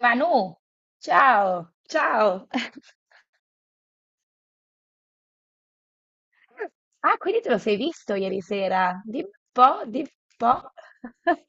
Manu, ciao, ciao. Ah, quindi te lo sei visto ieri sera? Dimmi un po', dimmi un po'.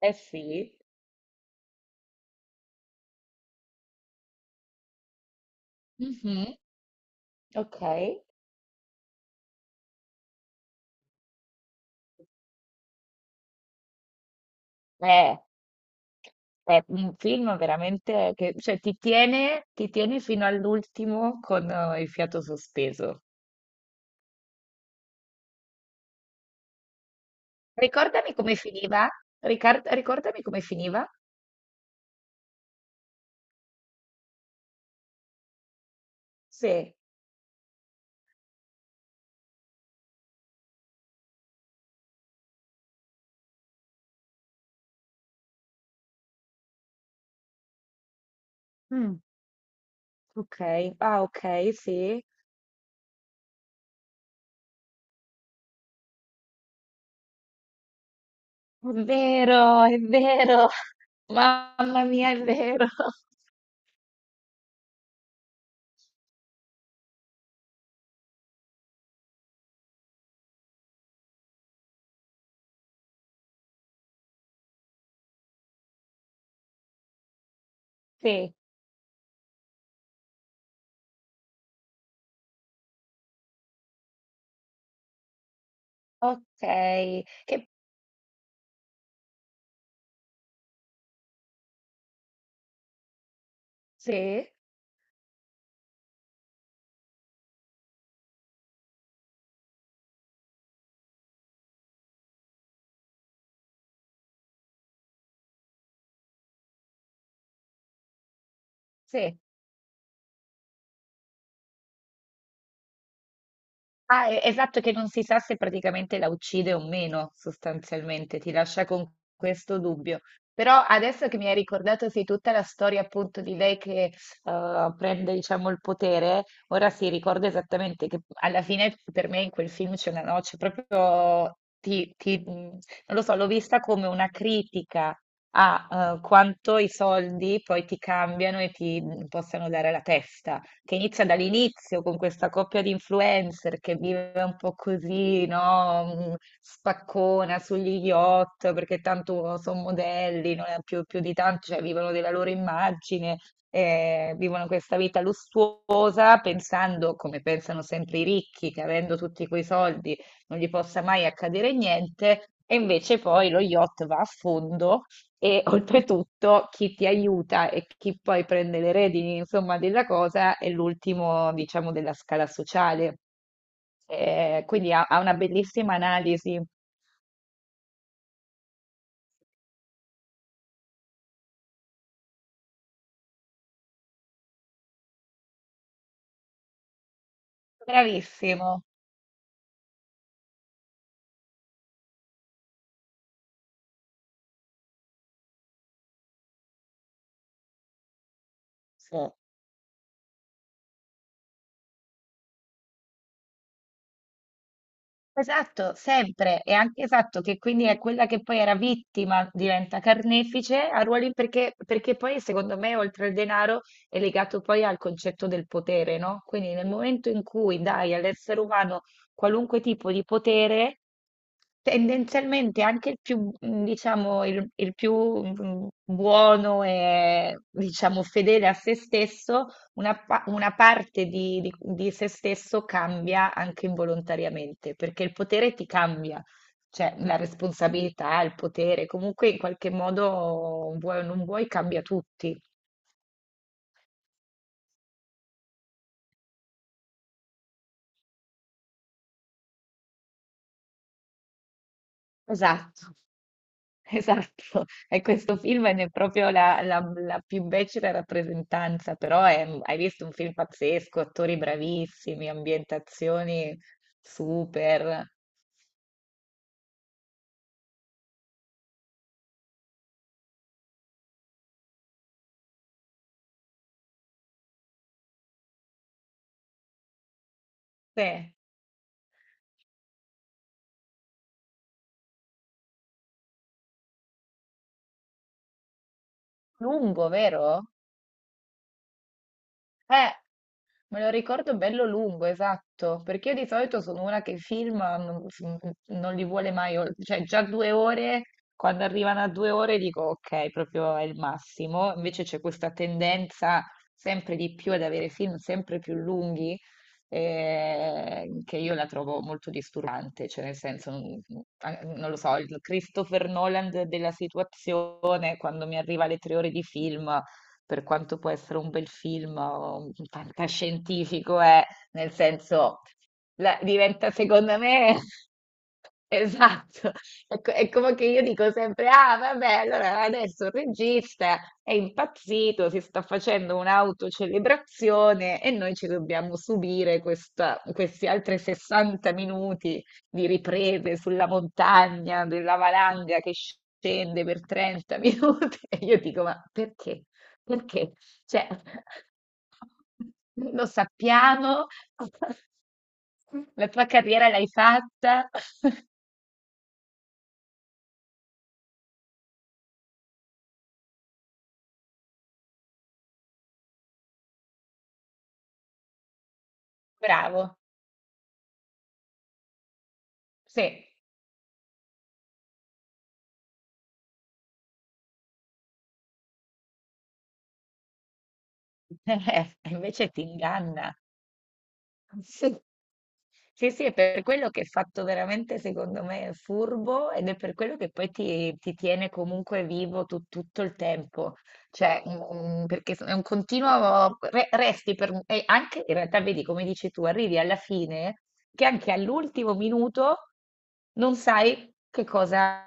Eh sì. Mhm, ok. Eh, è un film veramente che, ti tiene fino all'ultimo con il fiato sospeso. Ricordami come finiva? Ricordami come finiva? Sì. Mm, ok. Ah, ok, sì. È vero, è vero. Mamma mia, è vero. Sì. Okay, che sì, sì. Ah, e esatto, che non si sa se praticamente la uccide o meno, sostanzialmente, ti lascia con questo dubbio. Però adesso che mi hai ricordato, sì, tutta la storia appunto di lei che, prende diciamo il potere, ora sì, ricordo esattamente che alla fine per me in quel film c'è una noce proprio non lo so, l'ho vista come una critica a, quanto i soldi poi ti cambiano e ti possano dare la testa. Che inizia dall'inizio con questa coppia di influencer che vive un po' così, no? Mm, spaccona sugli yacht perché tanto sono modelli, non è più, più di tanto, cioè vivono della loro immagine, vivono questa vita lussuosa pensando, come pensano sempre i ricchi, che avendo tutti quei soldi non gli possa mai accadere niente. E invece poi lo yacht va a fondo e oltretutto chi ti aiuta e chi poi prende le redini, insomma, della cosa è l'ultimo, diciamo, della scala sociale. Quindi ha, ha una bellissima analisi. Bravissimo. Sì. Esatto, sempre. E anche esatto, che quindi è quella che poi era vittima, diventa carnefice a ruoli perché, perché poi secondo me oltre al denaro è legato poi al concetto del potere, no? Quindi nel momento in cui dai all'essere umano qualunque tipo di potere, tendenzialmente anche il più diciamo, il più buono e diciamo fedele a se stesso una, una parte di, di se stesso cambia anche involontariamente, perché il potere ti cambia, cioè la responsabilità, il potere, comunque in qualche modo vuoi o non vuoi cambia tutti. Esatto. Esatto, e questo film è proprio la, la più becera rappresentanza, però hai visto un film pazzesco, attori bravissimi, ambientazioni super. Sì, lungo, vero? Eh. Me lo ricordo bello lungo, esatto, perché io di solito sono una che i film non, non li vuole mai, cioè già due ore, quando arrivano a due ore dico ok, proprio è il massimo, invece c'è questa tendenza sempre di più ad avere film sempre più lunghi, che io la trovo molto disturbante, cioè nel senso, non, a- non lo so, il Christopher Nolan della situazione, quando mi arriva alle tre ore di film, per quanto può essere un bel film o un fantascientifico, è nel senso, diventa secondo me esatto. È, è come che io dico sempre: Ah, vabbè, allora adesso il regista è impazzito, si sta facendo un'autocelebrazione e noi ci dobbiamo subire questi altri 60 minuti di riprese sulla montagna, della valanga che scende per 30 minuti. E io dico: Ma perché? Perché? Cioè lo sappiamo, la tua carriera l'hai fatta, bravo, sì. E invece ti inganna. Sì. Sì, sì, è per quello che è fatto veramente, secondo me, furbo ed è per quello che poi ti tiene comunque vivo tutto il tempo. Cioè, mm, mm, perché è un continuo, resti per, e anche in realtà vedi, come dici tu, arrivi alla fine che anche all'ultimo minuto non sai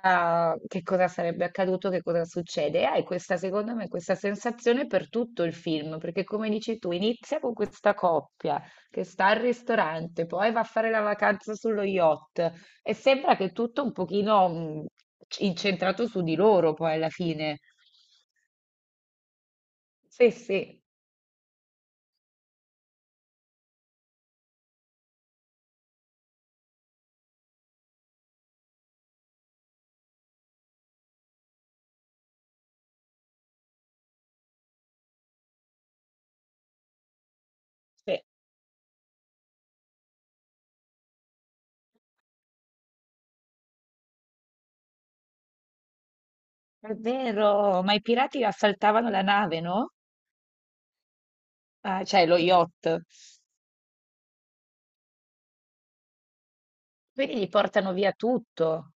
che cosa sarebbe accaduto, che cosa succede. E hai questa, secondo me, questa sensazione per tutto il film, perché come dici tu, inizia con questa coppia che sta al ristorante, poi va a fare la vacanza sullo yacht e sembra che tutto un pochino incentrato su di loro poi alla fine. Sì, sì, sì, è vero, ma i pirati assaltavano la nave, no? Ah, cioè lo yacht, quindi gli portano via tutto.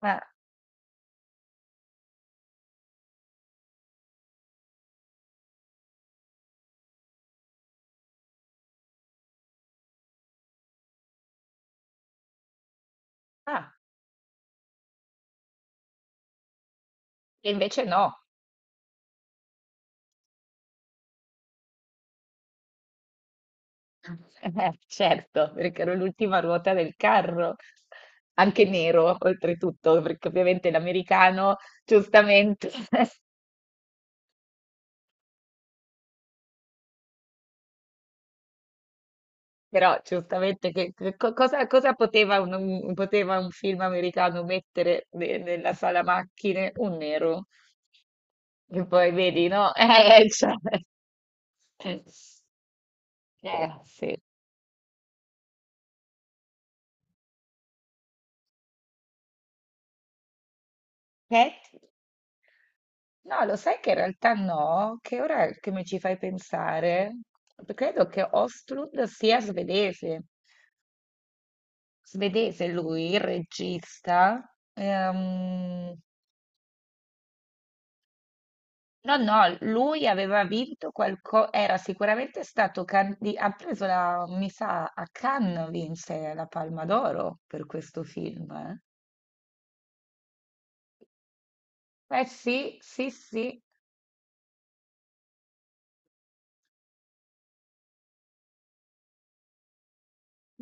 Ah, ah, e invece no. Certo, perché ero l'ultima ruota del carro, anche nero oltretutto, perché ovviamente l'americano giustamente. Però giustamente che, cosa, cosa poteva poteva un film americano mettere nella sala macchine? Un nero. E poi vedi, no? Cioè. Sì. Eh, no, lo sai che in realtà no, che ora che mi ci fai pensare, credo che Ostrud sia svedese. Svedese lui, il regista. Ehm, No, no, lui aveva vinto qualcosa, era sicuramente stato, ha preso la, mi sa, a Cannes vinse la Palma d'Oro per questo film. Eh. Eh sì, sì, sì,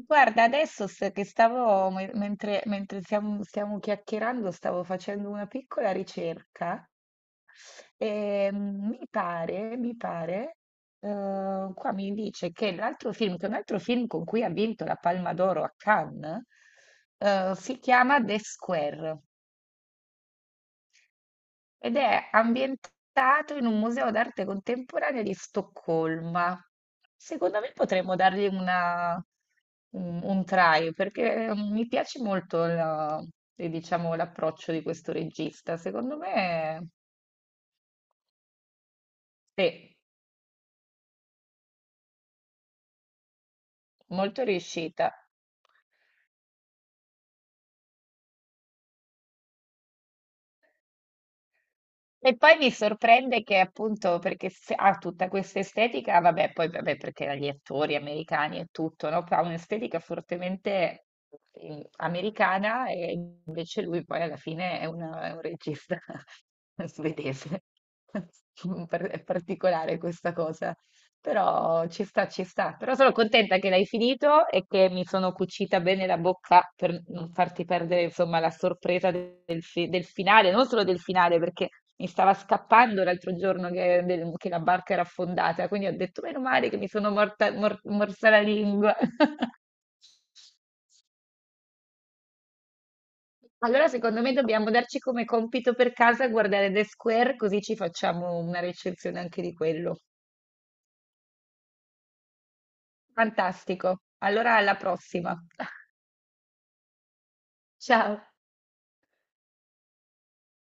guarda, adesso che stavo, mentre, mentre stiamo, stiamo chiacchierando, stavo facendo una piccola ricerca e mm, mi pare, qua mi dice che l'altro film, che un altro film con cui ha vinto la Palma d'Oro a Cannes, si chiama The Square ed è ambientato in un museo d'arte contemporanea di Stoccolma. Secondo me potremmo dargli un try perché mm, mi piace molto diciamo, l'approccio di questo regista. Secondo me è molto riuscita. E poi mi sorprende che appunto perché ha tutta questa estetica, vabbè, poi vabbè, perché gli attori americani e tutto, no? Ha un'estetica fortemente americana e invece lui poi alla fine è, è un regista svedese. È particolare questa cosa. Però ci sta, ci sta. Però sono contenta che l'hai finito e che mi sono cucita bene la bocca per non farti perdere, insomma, la sorpresa del, del finale, non solo del finale, perché mi stava scappando l'altro giorno che, che la barca era affondata, quindi ho detto, meno male che mi sono morta, morsa la lingua. Allora, secondo me dobbiamo darci come compito per casa guardare The Square, così ci facciamo una recensione anche di quello. Fantastico. Allora, alla prossima. Ciao.